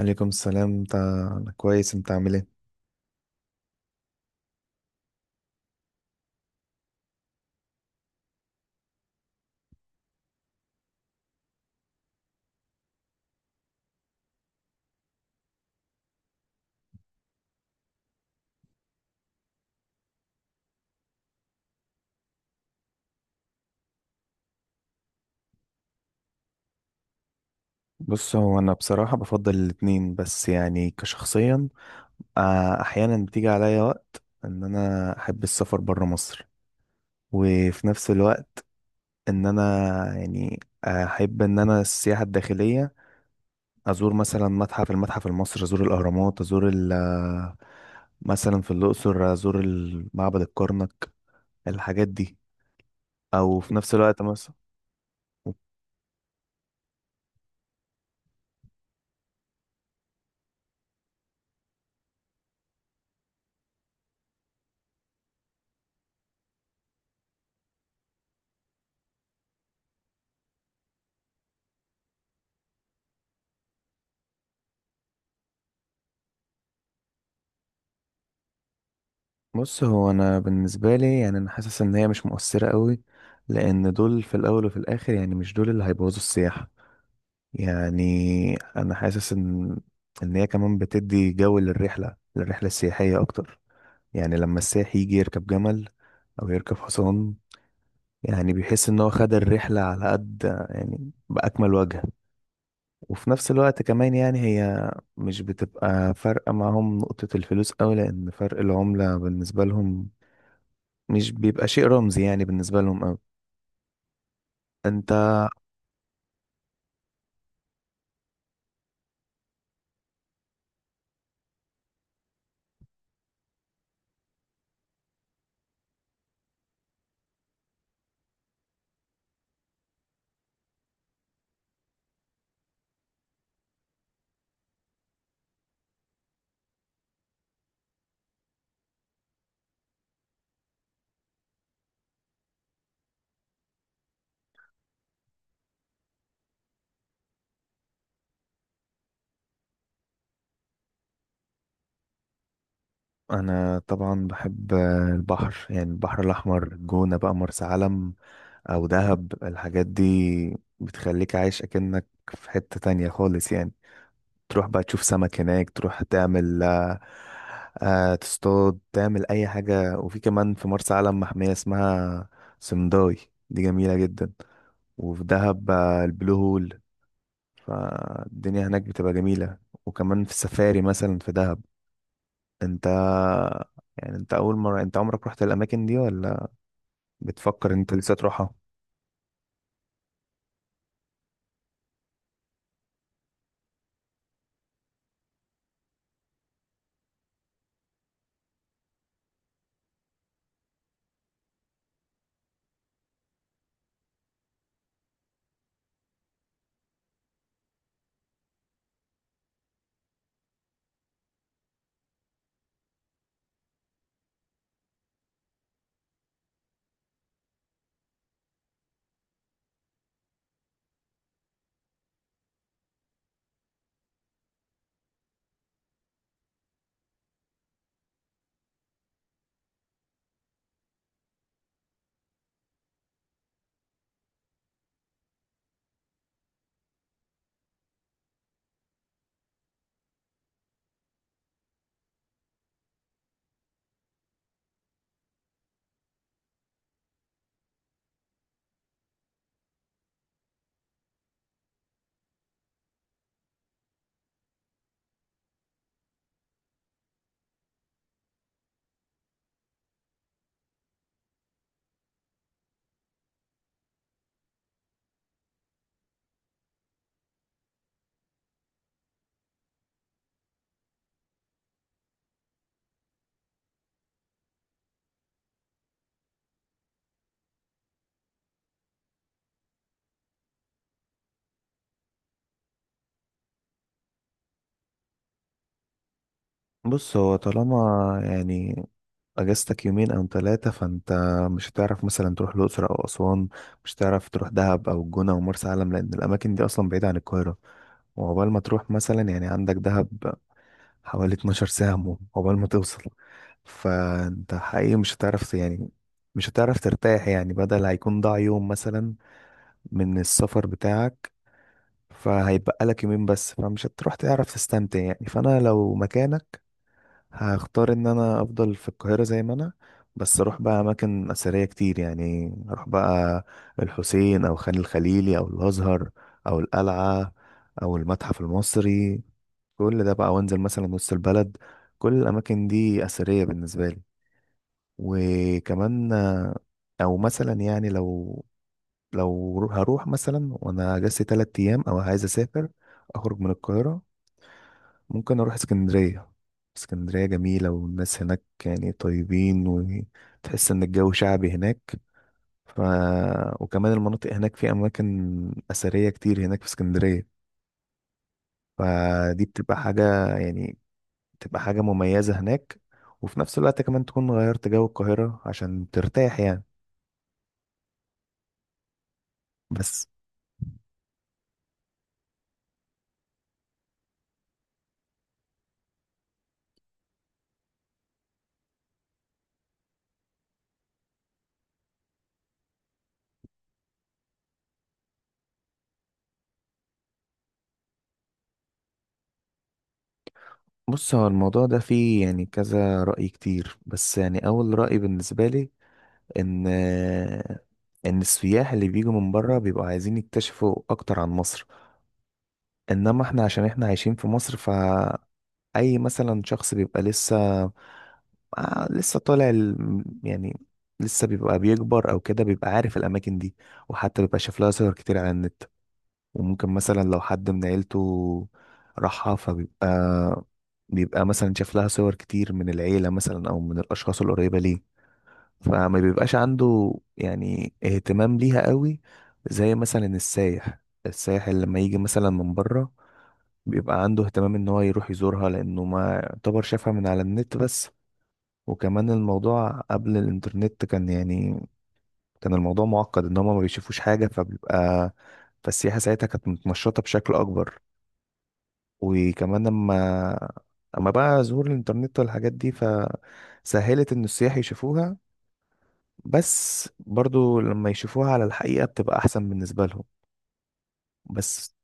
عليكم السلام، انت؟ أنا كويس، انت عامل ايه؟ بص، هو انا بصراحة بفضل الاتنين، بس يعني كشخصيا، احيانا بتيجي عليا وقت ان انا احب السفر برا مصر. وفي نفس الوقت ان انا يعني احب ان انا السياحة الداخلية، ازور مثلا المتحف المصري، ازور الاهرامات، ازور مثلا في الاقصر ازور معبد الكرنك، الحاجات دي، او في نفس الوقت مثلا. بص، هو انا بالنسبه لي يعني انا حاسس ان هي مش مؤثره قوي، لان دول في الاول وفي الاخر يعني مش دول اللي هيبوظوا السياحه. يعني انا حاسس ان هي كمان بتدي جو للرحله السياحيه اكتر. يعني لما السائح يجي يركب جمل أو يركب حصان، يعني بيحس إن هو خد الرحلة على قد، يعني بأكمل وجه. وفي نفس الوقت كمان يعني هي مش بتبقى فارقة معاهم نقطة الفلوس أوي، لأن فرق العملة بالنسبة لهم مش بيبقى شيء رمزي يعني بالنسبة لهم أوي. أنت؟ أنا طبعا بحب البحر، يعني البحر الأحمر، الجونة بقى، مرسى علم أو دهب، الحاجات دي بتخليك عايش أكنك في حتة تانية خالص يعني، تروح بقى تشوف سمك هناك، تروح تعمل تصطاد، تعمل اي حاجة. وفي كمان في مرسى علم محمية اسمها سمداي، دي جميلة جدا. وفي دهب البلو هول، فالدنيا هناك بتبقى جميلة. وكمان في السفاري مثلا في دهب. انت، يعني انت اول مرة، انت عمرك رحت الاماكن دي ولا بتفكر انت لسه تروحها؟ بص، هو طالما يعني اجازتك يومين او 3، فانت مش هتعرف مثلا تروح الاقصر او اسوان، مش هتعرف تروح دهب او الجونة او مرسى علم، لان الاماكن دي اصلا بعيدة عن القاهرة. وعقبال ما تروح مثلا، يعني عندك دهب حوالي 12 ساعة عقبال ما توصل. فانت حقيقي مش هتعرف يعني، مش هتعرف ترتاح، يعني بدل هيكون ضاع يوم مثلا من السفر بتاعك، فهيبقى لك يومين بس، فمش هتروح تعرف تستمتع يعني. فانا لو مكانك هختار ان انا افضل في القاهرة زي ما انا، بس اروح بقى اماكن اثرية كتير، يعني اروح بقى الحسين او خان الخليلي او الازهر او القلعة او المتحف المصري، كل ده بقى، وانزل مثلا وسط البلد، كل الاماكن دي اثرية بالنسبة لي. وكمان او مثلا يعني هروح مثلا وانا اجازتي تلات ايام او عايز اسافر، اخرج من القاهرة، ممكن اروح اسكندرية. اسكندرية جميلة، والناس هناك يعني طيبين، وتحس ان الجو شعبي هناك. ف... وكمان المناطق هناك في اماكن اثرية كتير هناك في اسكندرية، فدي بتبقى حاجة يعني، بتبقى حاجة مميزة هناك. وفي نفس الوقت كمان تكون غيرت جو القاهرة عشان ترتاح يعني. بس، بص، هو الموضوع ده فيه يعني كذا رأي كتير، بس يعني اول رأي بالنسبة لي ان ان السياح اللي بيجوا من بره بيبقوا عايزين يكتشفوا اكتر عن مصر. انما احنا عشان احنا عايشين في مصر، فاي مثلا شخص بيبقى لسه طالع يعني، لسه بيبقى بيكبر او كده، بيبقى عارف الاماكن دي، وحتى بيبقى شاف لها صور كتير على النت. وممكن مثلا لو حد من عيلته راحها، فبيبقى مثلا شاف لها صور كتير من العيلة مثلا او من الاشخاص القريبة ليه، فما بيبقاش عنده يعني اهتمام ليها قوي. زي مثلا السايح اللي لما يجي مثلا من بره، بيبقى عنده اهتمام ان هو يروح يزورها، لانه ما يعتبر شافها من على النت بس. وكمان الموضوع قبل الانترنت كان يعني، كان الموضوع معقد ان هما ما بيشوفوش حاجة، فبيبقى فالسياحة ساعتها كانت متنشطة بشكل اكبر. وكمان اما بقى ظهور الانترنت والحاجات دي، فسهلت ان السياح يشوفوها، بس برضو لما يشوفوها على الحقيقة بتبقى أحسن بالنسبة لهم. بس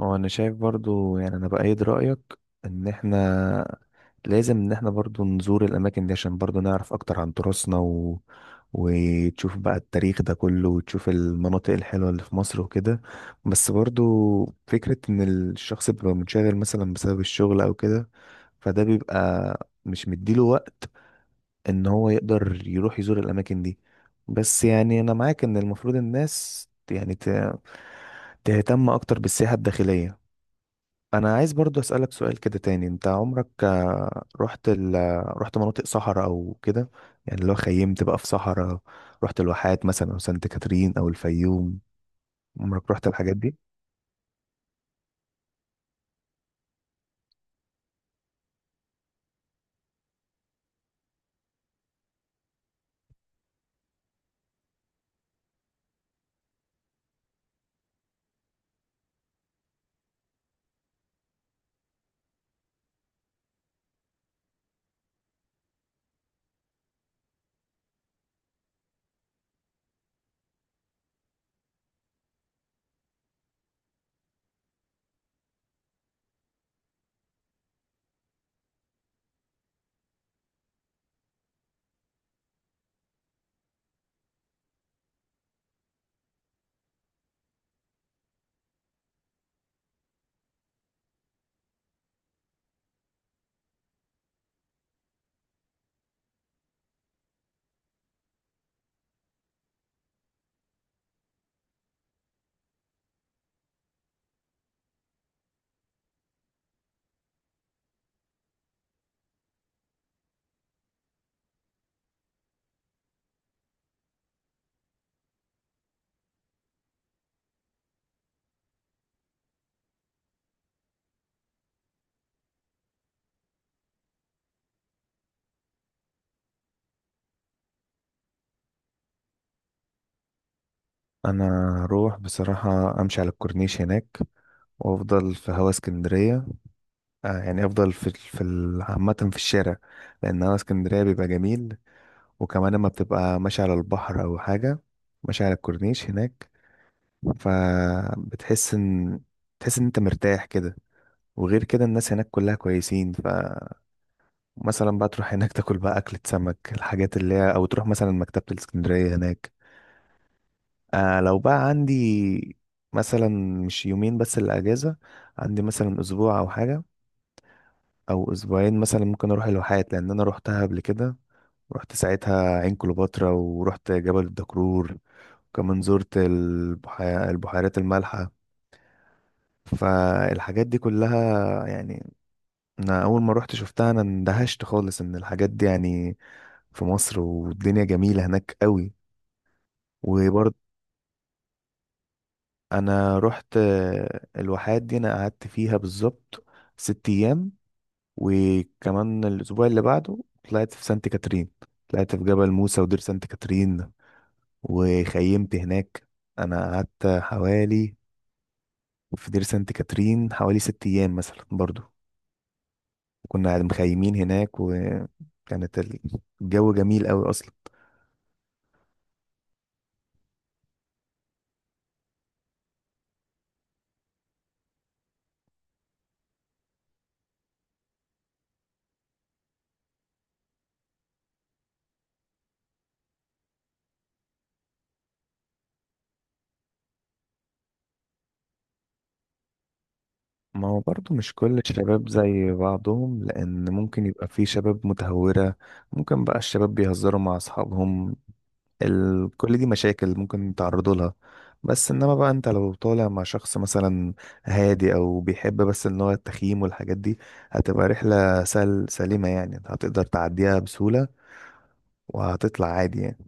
هو أنا شايف برضو يعني أنا بأيد رأيك، إن إحنا لازم إن إحنا برضو نزور الأماكن دي عشان برضو نعرف أكتر عن تراثنا وتشوف بقى التاريخ ده كله، وتشوف المناطق الحلوة اللي في مصر وكده. بس برضو فكرة إن الشخص بيبقى منشغل مثلا بسبب الشغل أو كده، فده بيبقى مش مديله وقت ان هو يقدر يروح يزور الاماكن دي. بس يعني انا معاك ان المفروض الناس يعني تهتم اكتر بالسياحة الداخلية. انا عايز برضو اسألك سؤال كده تاني. انت عمرك رحت رحت مناطق صحراء او كده، يعني لو خيمت بقى في صحراء، رحت الواحات مثلا او سانت كاترين او الفيوم، عمرك رحت الحاجات دي؟ انا هروح بصراحة امشي على الكورنيش هناك، وافضل في هوا اسكندرية. يعني افضل عامة في الشارع، لان هوا اسكندرية بيبقى جميل. وكمان لما بتبقى ماشي على البحر او حاجه، ماشي على الكورنيش هناك، فبتحس ان تحس ان انت مرتاح كده. وغير كده الناس هناك كلها كويسين، فمثلا بقى تروح هناك تاكل بقى أكلة سمك الحاجات اللي هي، أو تروح مثلا مكتبة الإسكندرية هناك. لو بقى عندي مثلا مش يومين بس الأجازة، عندي مثلا أسبوع أو حاجة أو أسبوعين مثلا، ممكن أروح الواحات لأن أنا روحتها قبل كده. رحت ساعتها عين كليوباترا، ورحت جبل الدكرور، وكمان زرت البحيرات المالحة. فالحاجات دي كلها يعني، أنا أول ما رحت شفتها أنا اندهشت خالص إن الحاجات دي يعني في مصر، والدنيا جميلة هناك قوي، وبرضه أنا رحت الواحات دي، أنا قعدت فيها بالظبط 6 أيام. وكمان الأسبوع اللي بعده طلعت في سانت كاترين، طلعت في جبل موسى ودير سانت كاترين، وخيمت هناك. انا قعدت حوالي، في دير سانت كاترين حوالي 6 ايام مثلا برضو. كنا قاعد مخيمين هناك، وكانت الجو جميل قوي اصلا. ما هو برضو مش كل الشباب زي بعضهم، لان ممكن يبقى في شباب متهورة، ممكن بقى الشباب بيهزروا مع اصحابهم، كل دي مشاكل ممكن تعرضوا لها. بس انما بقى، انت لو طالع مع شخص مثلا هادي او بيحب بس ان هو التخييم والحاجات دي، هتبقى رحلة سليمة، يعني هتقدر تعديها بسهولة وهتطلع عادي يعني.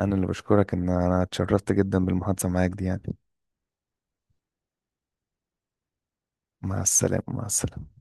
انا اللي بشكرك، ان انا اتشرفت جدا بالمحادثة معاك دي يعني. مع السلامة، مع السلامة.